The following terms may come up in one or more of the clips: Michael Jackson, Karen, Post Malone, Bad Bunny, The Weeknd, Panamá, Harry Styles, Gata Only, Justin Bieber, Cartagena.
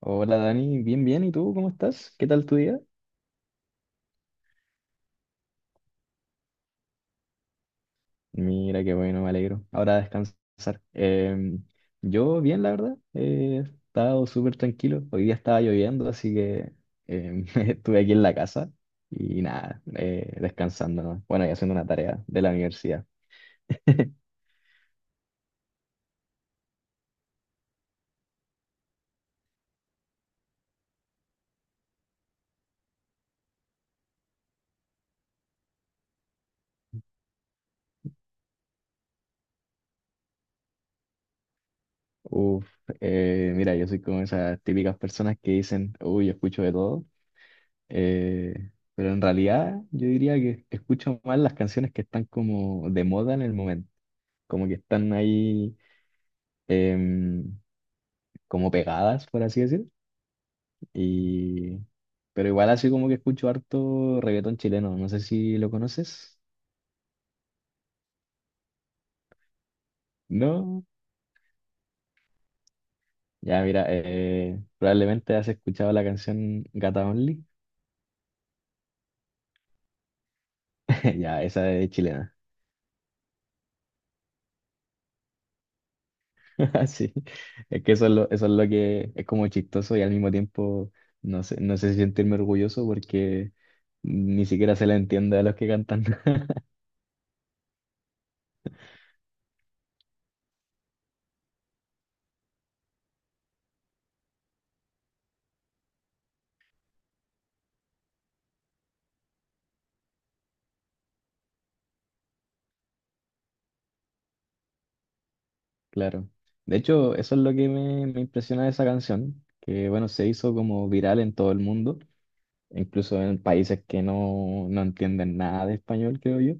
Hola Dani, bien, bien, ¿y tú cómo estás? ¿Qué tal tu día? Mira, qué bueno, me alegro. Ahora a descansar. Em, yo bien, la verdad, he estado súper tranquilo. Hoy día estaba lloviendo, así que estuve aquí en la casa y nada, descansando, ¿no? Bueno, y haciendo una tarea de la universidad. Uf, mira, yo soy como esas típicas personas que dicen, uy, yo escucho de todo, pero en realidad yo diría que escucho más las canciones que están como de moda en el momento. Como que están ahí em, como pegadas, por así decir. Y... pero igual así como que escucho harto reggaetón chileno, no sé si lo conoces. No. Ya, mira, probablemente has escuchado la canción Gata Only. Ya, esa es chilena. Sí, es que eso es lo que es como chistoso y al mismo tiempo no sé, no sé si sentirme orgulloso porque ni siquiera se le entiende a los que cantan. Claro. De hecho, eso es lo que me impresiona de esa canción, que bueno, se hizo como viral en todo el mundo, incluso en países que no entienden nada de español, creo yo,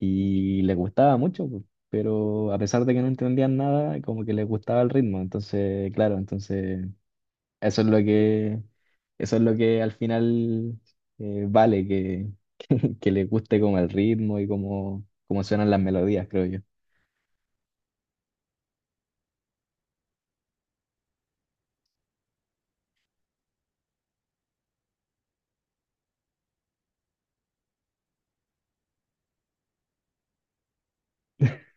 y les gustaba mucho, pues, pero a pesar de que no entendían nada, como que les gustaba el ritmo. Entonces, claro, entonces eso es lo que, eso es lo que al final vale, que, que, les guste como el ritmo y como suenan las melodías, creo yo.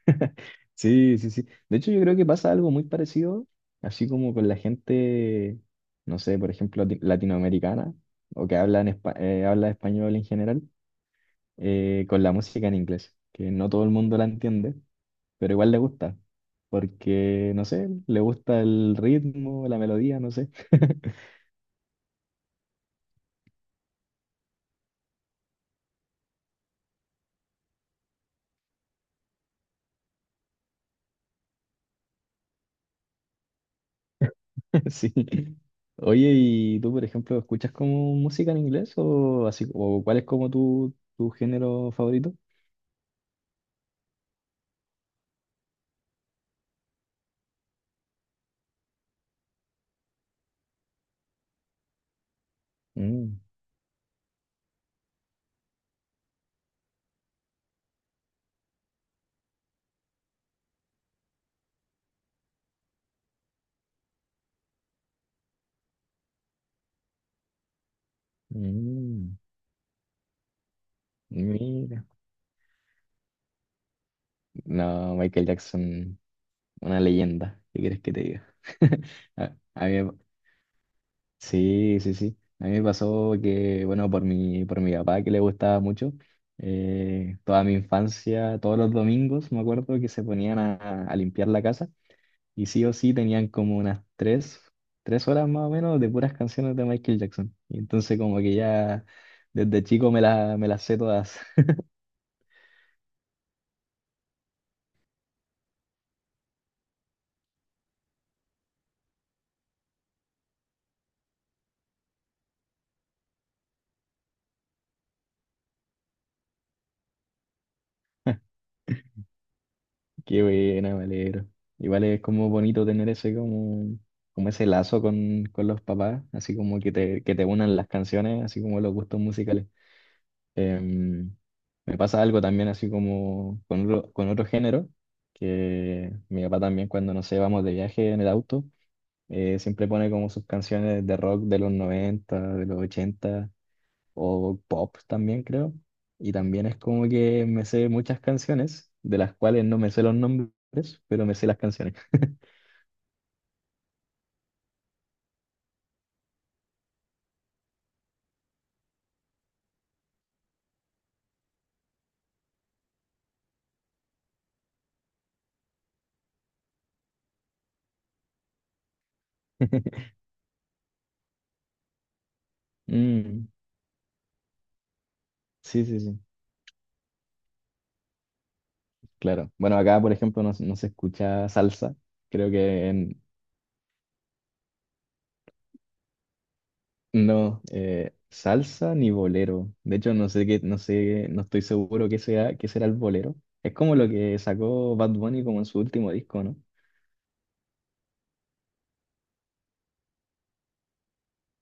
Sí, sí, sí. De hecho, yo creo que pasa algo muy parecido, así como con la gente, no sé, por ejemplo, latinoamericana, o que habla, habla español en general, con la música en inglés, que no todo el mundo la entiende, pero igual le gusta, porque, no sé, le gusta el ritmo, la melodía, no sé. Sí. Oye, ¿y tú, por ejemplo, escuchas como música en inglés o así, o cuál es como tu género favorito? Mm, mm. Mira, no, Michael Jackson, una leyenda, ¿qué quieres que te diga? A, a mí, me- sí, sí, sí. A mí me pasó que, bueno, por mi papá que le gustaba mucho, toda mi infancia, todos los domingos, me acuerdo que se ponían a limpiar la casa y sí o sí tenían como unas 3 horas más o menos de puras canciones de Michael Jackson. Y entonces como que ya desde chico me las sé todas. Qué buena, me alegro. Igual es como bonito tener ese como, como ese lazo con los papás, así como que que te unan las canciones, así como los gustos musicales. Em, me pasa algo también así como con otro género, que mi papá también cuando, no sé, vamos de viaje en el auto, siempre pone como sus canciones de rock de los 90, de los 80 o pop también creo. Y también es como que me sé muchas canciones, de las cuales no me sé los nombres, pero me sé las canciones. Mm, sí, sí, sí, claro. Bueno, acá, por ejemplo, no, se no se escucha salsa. Creo que en- no, salsa ni bolero. De hecho, no sé, no estoy seguro qué sea, qué será el bolero. Es como lo que sacó Bad Bunny como en su último disco, ¿no?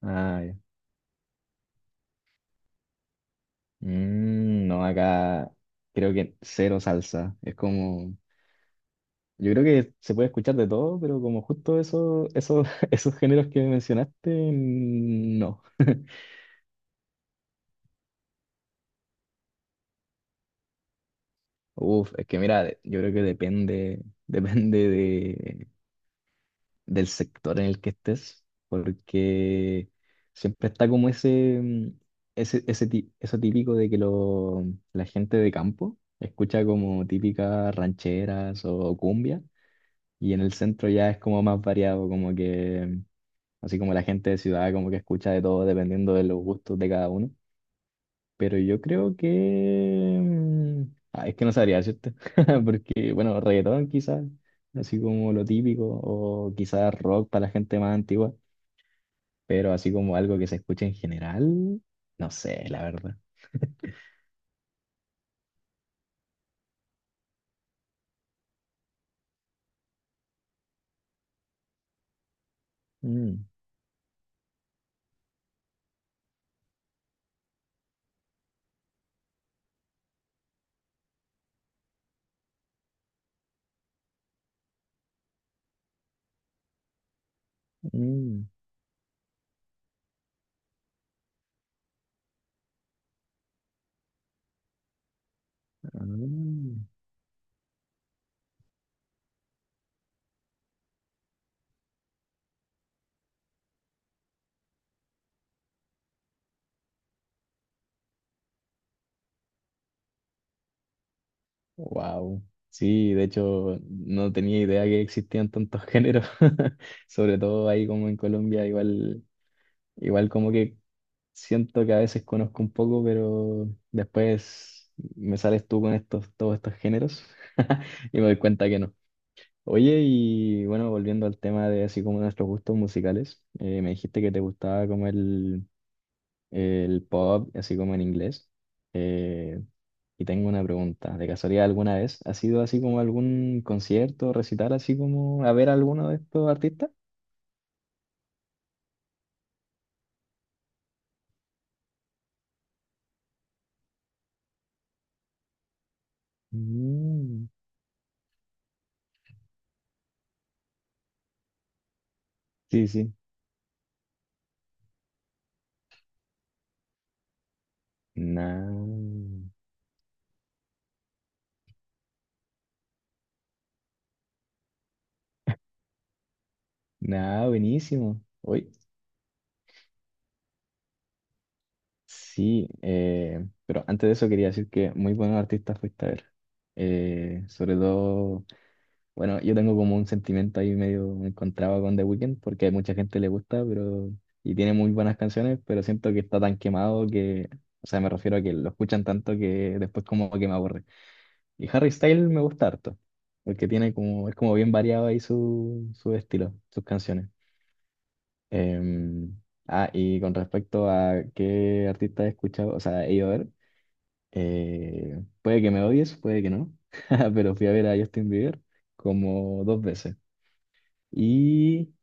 Ah, ya. Mm, no, acá creo que cero salsa. Es como, yo creo que se puede escuchar de todo, pero como justo eso, esos esos géneros que mencionaste, mm, no. Uf, es que mira, de- yo creo que depende, depende del sector en el que estés, porque siempre está como ese, mm, ese ti- eso típico de que la gente de campo escucha como típicas rancheras o cumbia, y en el centro ya es como más variado, como que así como la gente de ciudad como que escucha de todo dependiendo de los gustos de cada uno. Pero yo creo que... mm, ah, es que no sabría decirte. Porque, bueno, reggaetón quizás, así como lo típico, o quizás rock para la gente más antigua. Pero así como algo que se escuche en general, no sé, la verdad. Wow. Sí, de hecho, no tenía idea que existían tantos géneros. Sobre todo ahí como en Colombia, igual... igual como que siento que a veces conozco un poco, pero después me sales tú con todos estos géneros y me doy cuenta que no. Oye, y bueno, volviendo al tema de así como nuestros gustos musicales, me dijiste que te gustaba como el pop, así como en inglés. Eh, y tengo una pregunta, ¿de casualidad alguna vez has ido así como a algún concierto, recital, así como a ver a alguno de estos artistas? Mm, sí, sí. Nah, nah, buenísimo. Hoy sí, pero antes de eso quería decir que muy buenos artistas fuiste a ver. Sobre todo, bueno, yo tengo como un sentimiento ahí medio encontrado con The Weeknd, porque a mucha gente le gusta, pero, y tiene muy buenas canciones, pero siento que está tan quemado que, o sea, me refiero a que lo escuchan tanto que después como que me aburre. Y Harry Styles me gusta harto, porque tiene como, es como bien variado ahí su estilo, sus canciones. Em, ah, y con respecto a qué artista he escuchado, o sea, he ido a ver. Puede que me odies, puede que no, pero fui a ver a Justin Bieber como dos veces. Y,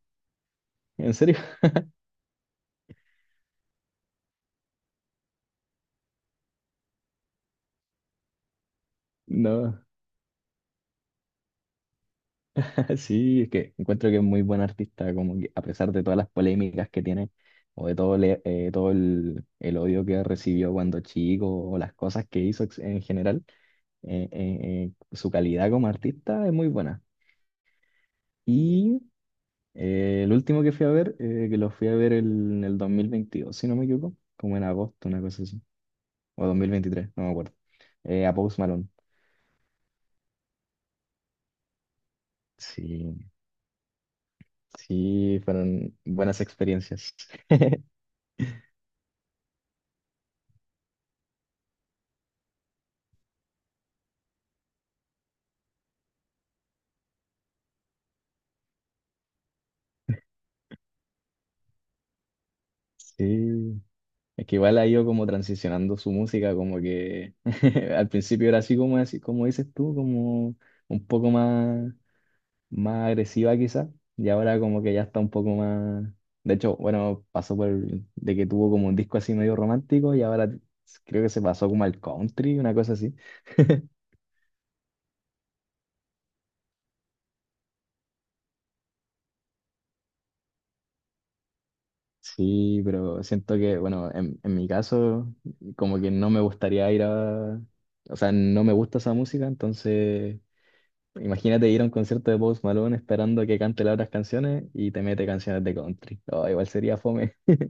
en serio, no, sí, es que encuentro que es muy buen artista, como que a pesar de todas las polémicas que tiene, o de todo, todo el odio que recibió cuando chico, o las cosas que hizo en general, su calidad como artista es muy buena. Y el último que fui a ver, que lo fui a ver en el 2022 si no me equivoco, como en agosto, una cosa así. O 2023 no me acuerdo. A Post Malone. Sí, sí, fueron buenas experiencias. Sí, es que igual ha ido como transicionando su música, como que al principio era así como dices tú, como un poco más, más agresiva quizás, y ahora como que ya está un poco más... de hecho, bueno, pasó por de que tuvo como un disco así medio romántico y ahora creo que se pasó como al country, una cosa así. Sí, pero siento que, bueno, en mi caso, como que no me gustaría ir a... o sea, no me gusta esa música, entonces imagínate ir a un concierto de Post Malone esperando que cante las otras canciones y te mete canciones de country. Oh, igual sería fome.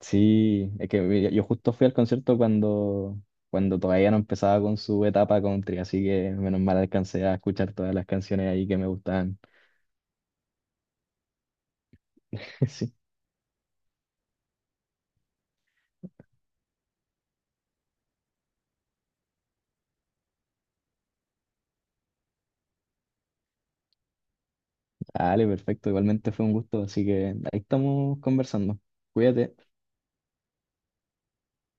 Sí, es que mira, yo justo fui al concierto cuando todavía no empezaba con su etapa country, así que menos mal alcancé a escuchar todas las canciones ahí que me gustaban. Sí, dale, perfecto. Igualmente fue un gusto, así que ahí estamos conversando. Cuídate.